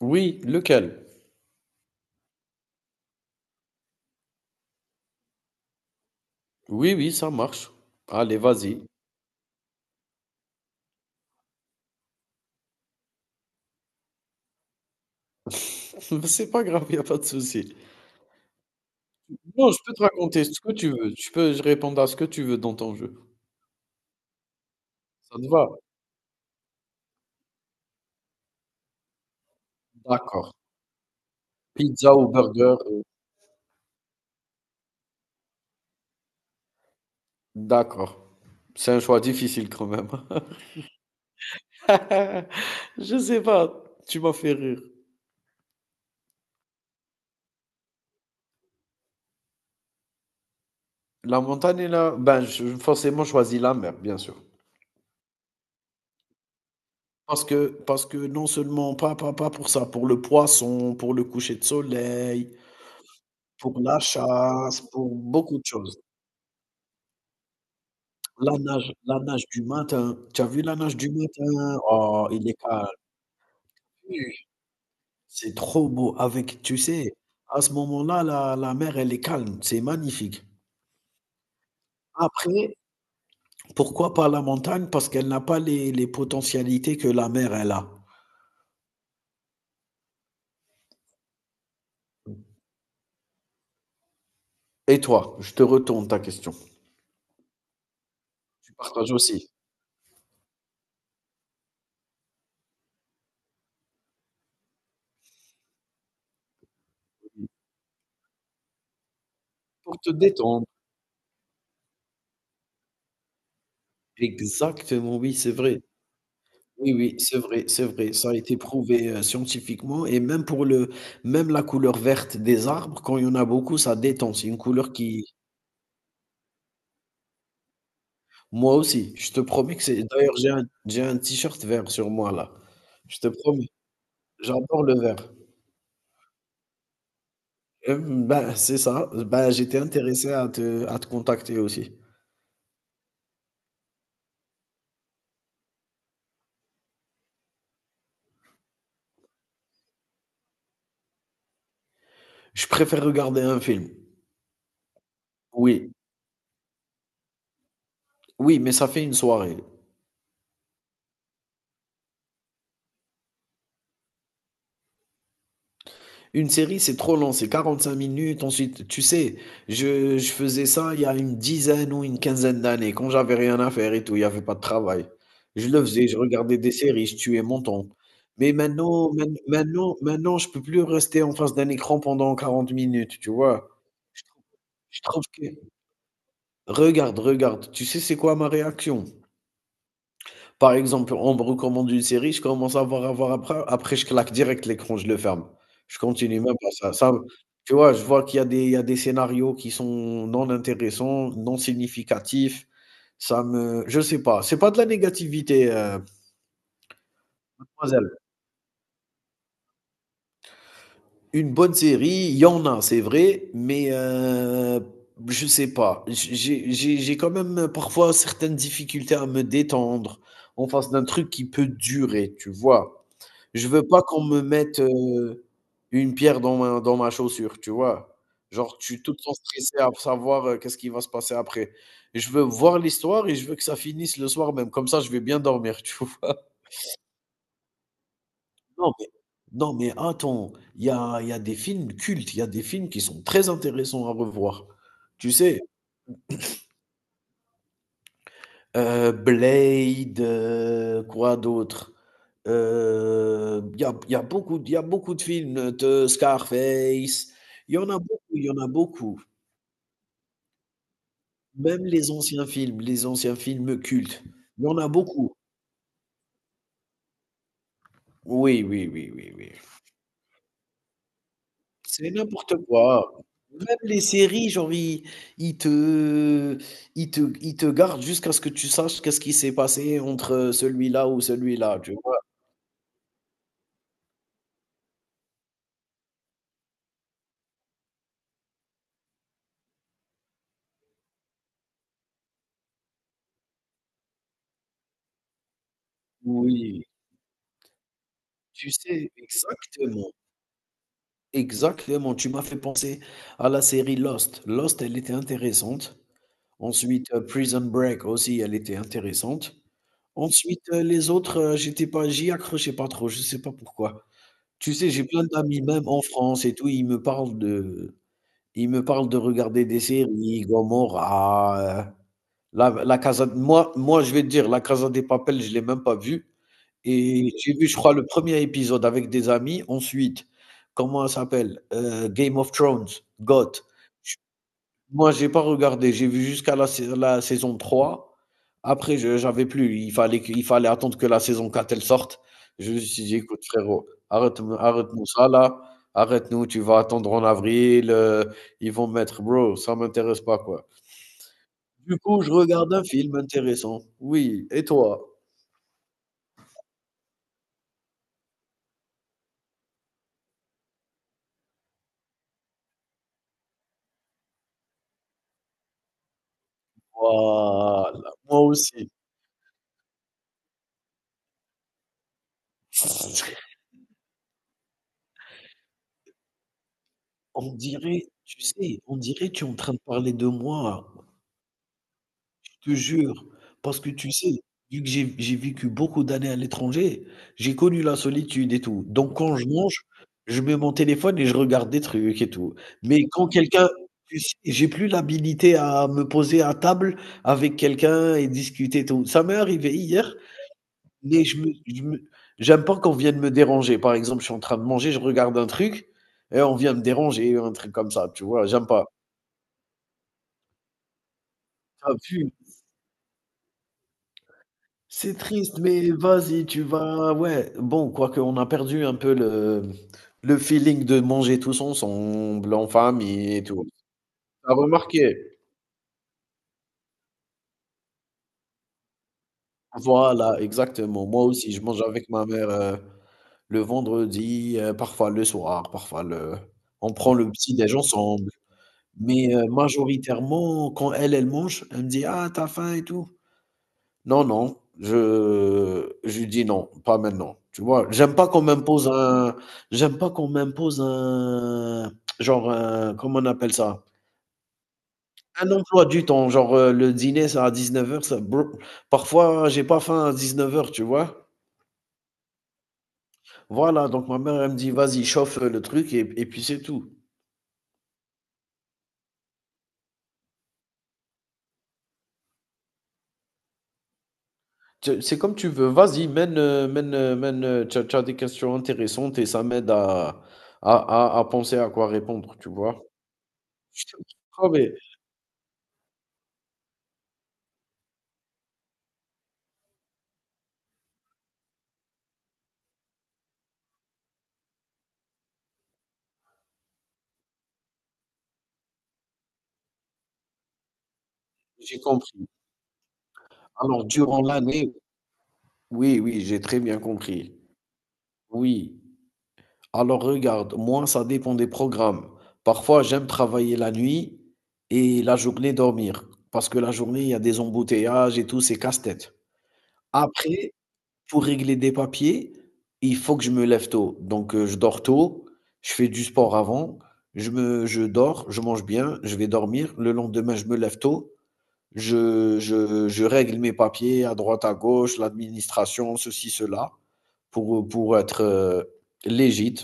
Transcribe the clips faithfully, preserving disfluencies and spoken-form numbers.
Oui, lequel? Oui, oui, ça marche. Allez, vas-y. C'est pas grave, il a pas de souci. Non, je peux te raconter ce que tu veux. Je peux je répondre à ce que tu veux dans ton jeu. Ça te va? D'accord. Pizza ou burger? D'accord. C'est un choix difficile quand même. Je sais pas, tu m'as fait rire. La montagne est là, ben je forcément choisis la mer, bien sûr. Parce que, parce que non seulement, pas, pas, pas pour ça, pour le poisson, pour le coucher de soleil, pour la chasse, pour beaucoup de choses. La nage la nage du matin, tu as vu la nage du matin? Oh, il est calme. Oui, c'est trop beau avec tu sais, à ce moment-là, la la mer, elle est calme, c'est magnifique. Après, pourquoi pas la montagne? Parce qu'elle n'a pas les les potentialités que la mer, elle a. Et toi? Je te retourne ta question. Tu partages aussi. Pour te détendre. Exactement, oui, c'est vrai. Oui, oui, c'est vrai, c'est vrai. Ça a été prouvé, heu, scientifiquement et même pour le même la couleur verte des arbres, quand il y en a beaucoup, ça détend. C'est une couleur qui moi aussi, je te promets que c'est d'ailleurs, j'ai un j'ai un t-shirt vert sur moi là. Je te promets, j'adore le vert. Hem, bah, c'est ça. Ben j'étais intéressé à te à te contacter aussi. Je préfère regarder un film. Oui, oui, mais ça fait une soirée. Une série, c'est trop long, c'est quarante-cinq minutes. Ensuite, tu sais, je, je faisais ça il y a une dizaine ou une quinzaine d'années, quand j'avais rien à faire et tout, il y avait pas de travail. Je le faisais, je regardais des séries, je tuais mon temps. Mais maintenant, main- maintenant, maintenant, je peux plus rester en face d'un écran pendant quarante minutes, tu vois? Je trouve je trouve que... Regarde, regarde, tu sais c'est quoi ma réaction? Par exemple, on me recommande une série, je commence à voir, à voir après après je claque direct l'écran, je le ferme. Je continue même pas ça ça tu vois? Je vois qu'il y a des il y a des scénarios qui sont non intéressants, non significatifs. Ça me je sais pas, c'est pas de la négativité, heu, mademoiselle. Une bonne série, il y en a, c'est vrai, mais heu, je sais pas. J'ai j'ai j'ai j'ai quand même euh, parfois certaines difficultés à me détendre en face d'un truc qui peut durer, tu vois? Je veux pas qu'on me mette, heu, une pierre dans ma dans ma chaussure, tu vois? Genre, je suis tout le temps stressé à savoir, heu, qu'est-ce qui va se passer après. Je veux voir l'histoire et je veux que ça finisse le soir même, comme ça je vais bien dormir, tu vois? Non, mais non, mais attends, il y a il y a des films cultes, il y a des films qui sont très intéressants à revoir. Tu sais? Heu, Blade, heu, quoi d'autre? Il y a y a beaucoup il y a beaucoup de films euh, de Scarface. Il y en a beaucoup, il y en a beaucoup. Même les anciens films, les anciens films cultes, il y en a beaucoup. Oui, oui, oui, oui, oui. C'est n'importe quoi. Même les séries, genre, ils ils te ils te ils te gardent jusqu'à ce que tu saches qu'est-ce qui s'est passé entre, celui-là ou celui-là, tu vois? Oui, tu sais exactement. Exactement, tu m'as fait penser à la série Lost. Lost, elle était intéressante. Ensuite, heu, Prison Break aussi, elle était intéressante. Ensuite, heu, les autres, heu, j'étais pas j'y accrochais pas trop, je sais pas pourquoi. Tu sais, j'ai plein d'amis, même en France et tout, ils me parlent de ils me parlent de regarder des séries, Gomorrah, heu, la la Casa moi moi, je vais te dire, la Casa des Papel, je l'ai même pas vue et j'ai vu, je crois, le premier épisode avec des amis. Ensuite, comment ça s'appelle? Heu, Game of Thrones, G O T. J Moi, j'ai pas regardé, j'ai vu jusqu'à la sai la saison trois. Après, je j'avais plus, il fallait que il fallait attendre que la saison quatre elle sorte. Je me suis dit: «Écoute frérot, arrête arrête-nous ça là, arrête-nous, tu vas attendre en avril, heu, ils vont mettre» bro, ça m'intéresse pas, quoi. Du coup, je regarde un film intéressant. Oui, et toi? Voilà, moi aussi. On dirait, tu sais, on dirait tu es en train de parler de moi, je te jure. Parce que tu sais, vu que j'ai j'ai vécu beaucoup d'années à l'étranger, j'ai connu la solitude et tout. Donc quand je mange, je mets mon téléphone et je regarde des trucs et tout. Mais quand quelqu'un tu sais, j'ai plus l'habilité à me poser à table avec quelqu'un et discuter et tout. Ça m'est arrivé hier, mais je me je me j'aime pas qu'on vienne me déranger. Par exemple, je suis en train de manger, je regarde un truc et on vient me déranger, un truc comme ça, tu vois? J'aime pas. Ah pu C'est triste, mais vas-y, tu vas ouais, bon, quoique on a perdu un peu le le feeling de manger tous ensemble, en famille et tout. T'as remarqué? Voilà, exactement. Moi aussi, je mange avec ma mère, heu, le vendredi, heu, parfois le soir, parfois le on prend le petit-déj ensemble. Mais heu, majoritairement, quand elle, elle mange, elle me dit: «Ah, t'as faim et tout?» Non, non, je je lui dis: «Non, pas maintenant», tu vois? J'aime pas qu'on m'impose un j'aime pas qu'on m'impose un genre un comment on appelle ça? Un emploi du temps, genre, heu, le dîner c'est à dix-neuf heures, ça blo parfois hein, j'ai pas faim à dix-neuf heures, tu vois? Voilà, donc ma mère elle me dit: «Vas-y chauffe, heu, le truc et et puis c'est tout». C'est c'est comme tu veux, vas-y mène, heu, mène, heu, mène, heu, tu as des questions intéressantes et ça m'aide à à à à penser à quoi répondre, tu vois? Je te promets. J'ai compris. Alors, durant l'année, oui, oui, j'ai très bien compris. Oui. Alors, regarde, moi, ça dépend des programmes. Parfois, j'aime travailler la nuit et la journée dormir. Parce que la journée, il y a des embouteillages et tout, c'est casse-tête. Après, pour régler des papiers, il faut que je me lève tôt. Donc, heu, je dors tôt, je fais du sport avant, je me je dors, je mange bien, je vais dormir. Le lendemain, je me lève tôt. Je, je, je règle mes papiers à droite, à gauche, l'administration, ceci, cela, pour, pour être euh, légit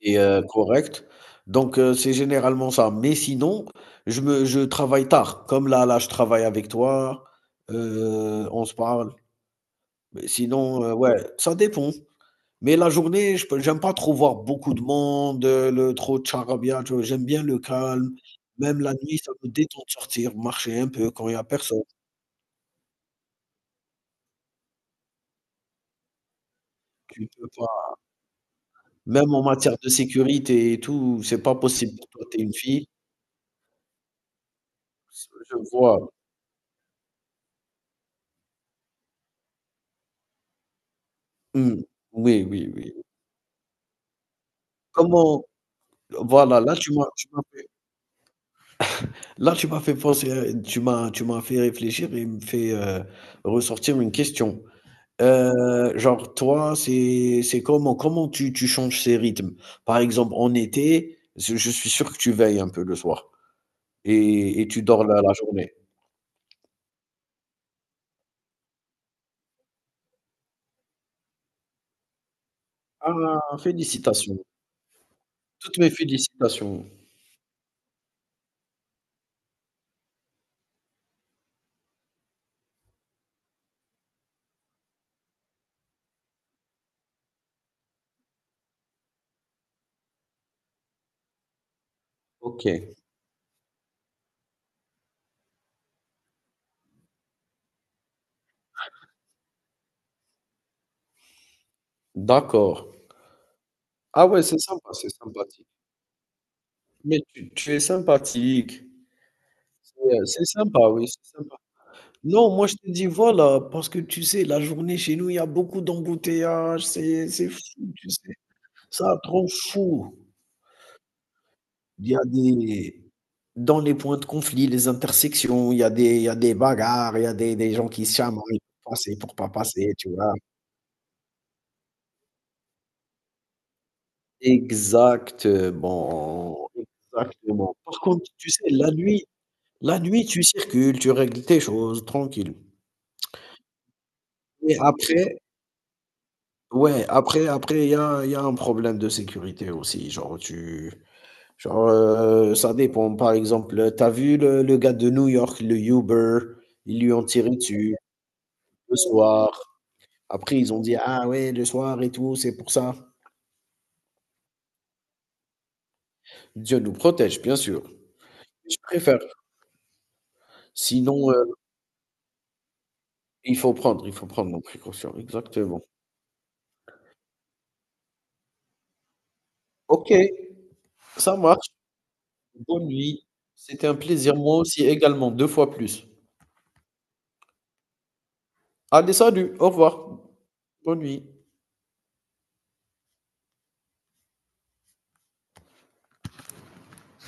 et euh, correct. Donc, euh, c'est généralement ça. Mais sinon, je me, je travaille tard. Comme là, là, je travaille avec toi, euh, on se parle. Mais sinon, euh, ouais, ça dépend. Mais la journée, je peux- j'aime pas trop voir beaucoup de monde, euh, le trop de charabia, tu vois, j'aime bien le calme. Même la nuit, ça me détend de sortir, marcher un peu quand il y a personne. Tu peux Même en matière de sécurité et tout, c'est pas possible pour toi, tu es une fille. S Je vois. Mmh. Oui, oui, oui. Comment voilà, là tu m'as tu m'as fait là tu m'as fait penser à tu m'as tu m'as fait réfléchir et me fait, heu, ressortir une question. Heu, genre toi, c'est c'est comment comment tu tu changes ces rythmes? Par exemple en été, je je suis sûr que tu veilles un peu le soir et et tu dors la la journée. Ah! Félicitations. Toutes mes félicitations. OK, d'accord. Ah ouais, c'est sympa, c'est sympathique. Mais tu tu es sympathique. C'est, heu, c'est sympa, oui, c'est sympa. Non, moi je te dis voilà, parce que tu sais, la journée chez nous, il y a beaucoup d'embouteillages, c'est c'est fou, tu sais? Ça rend fou. Il y a des Dans les points de conflit, les intersections, il y a des il y a des bagarres, il y a des des gens qui se chamaillent pour passer, pour pas passer, tu vois? Exactement, exactement. Par contre, tu sais, la nuit la nuit, tu circules, tu règles tes choses tranquille. Mais après ouais, après après il y a il y a un problème de sécurité aussi, genre tu genre, heu, ça dépend. Par exemple, t'as vu le le gars de New York, le Uber? Ils lui ont tiré dessus le soir. Après ils ont dit: «Ah ouais, le soir et tout, c'est pour ça». Dieu nous protège, bien sûr. Je préfère. Sinon, Il faut prendre, il faut prendre nos précautions, exactement. OK, ça marche. Bonne nuit. C'était un plaisir, moi aussi également, deux fois plus. Allez, salut, au revoir. Bonne nuit.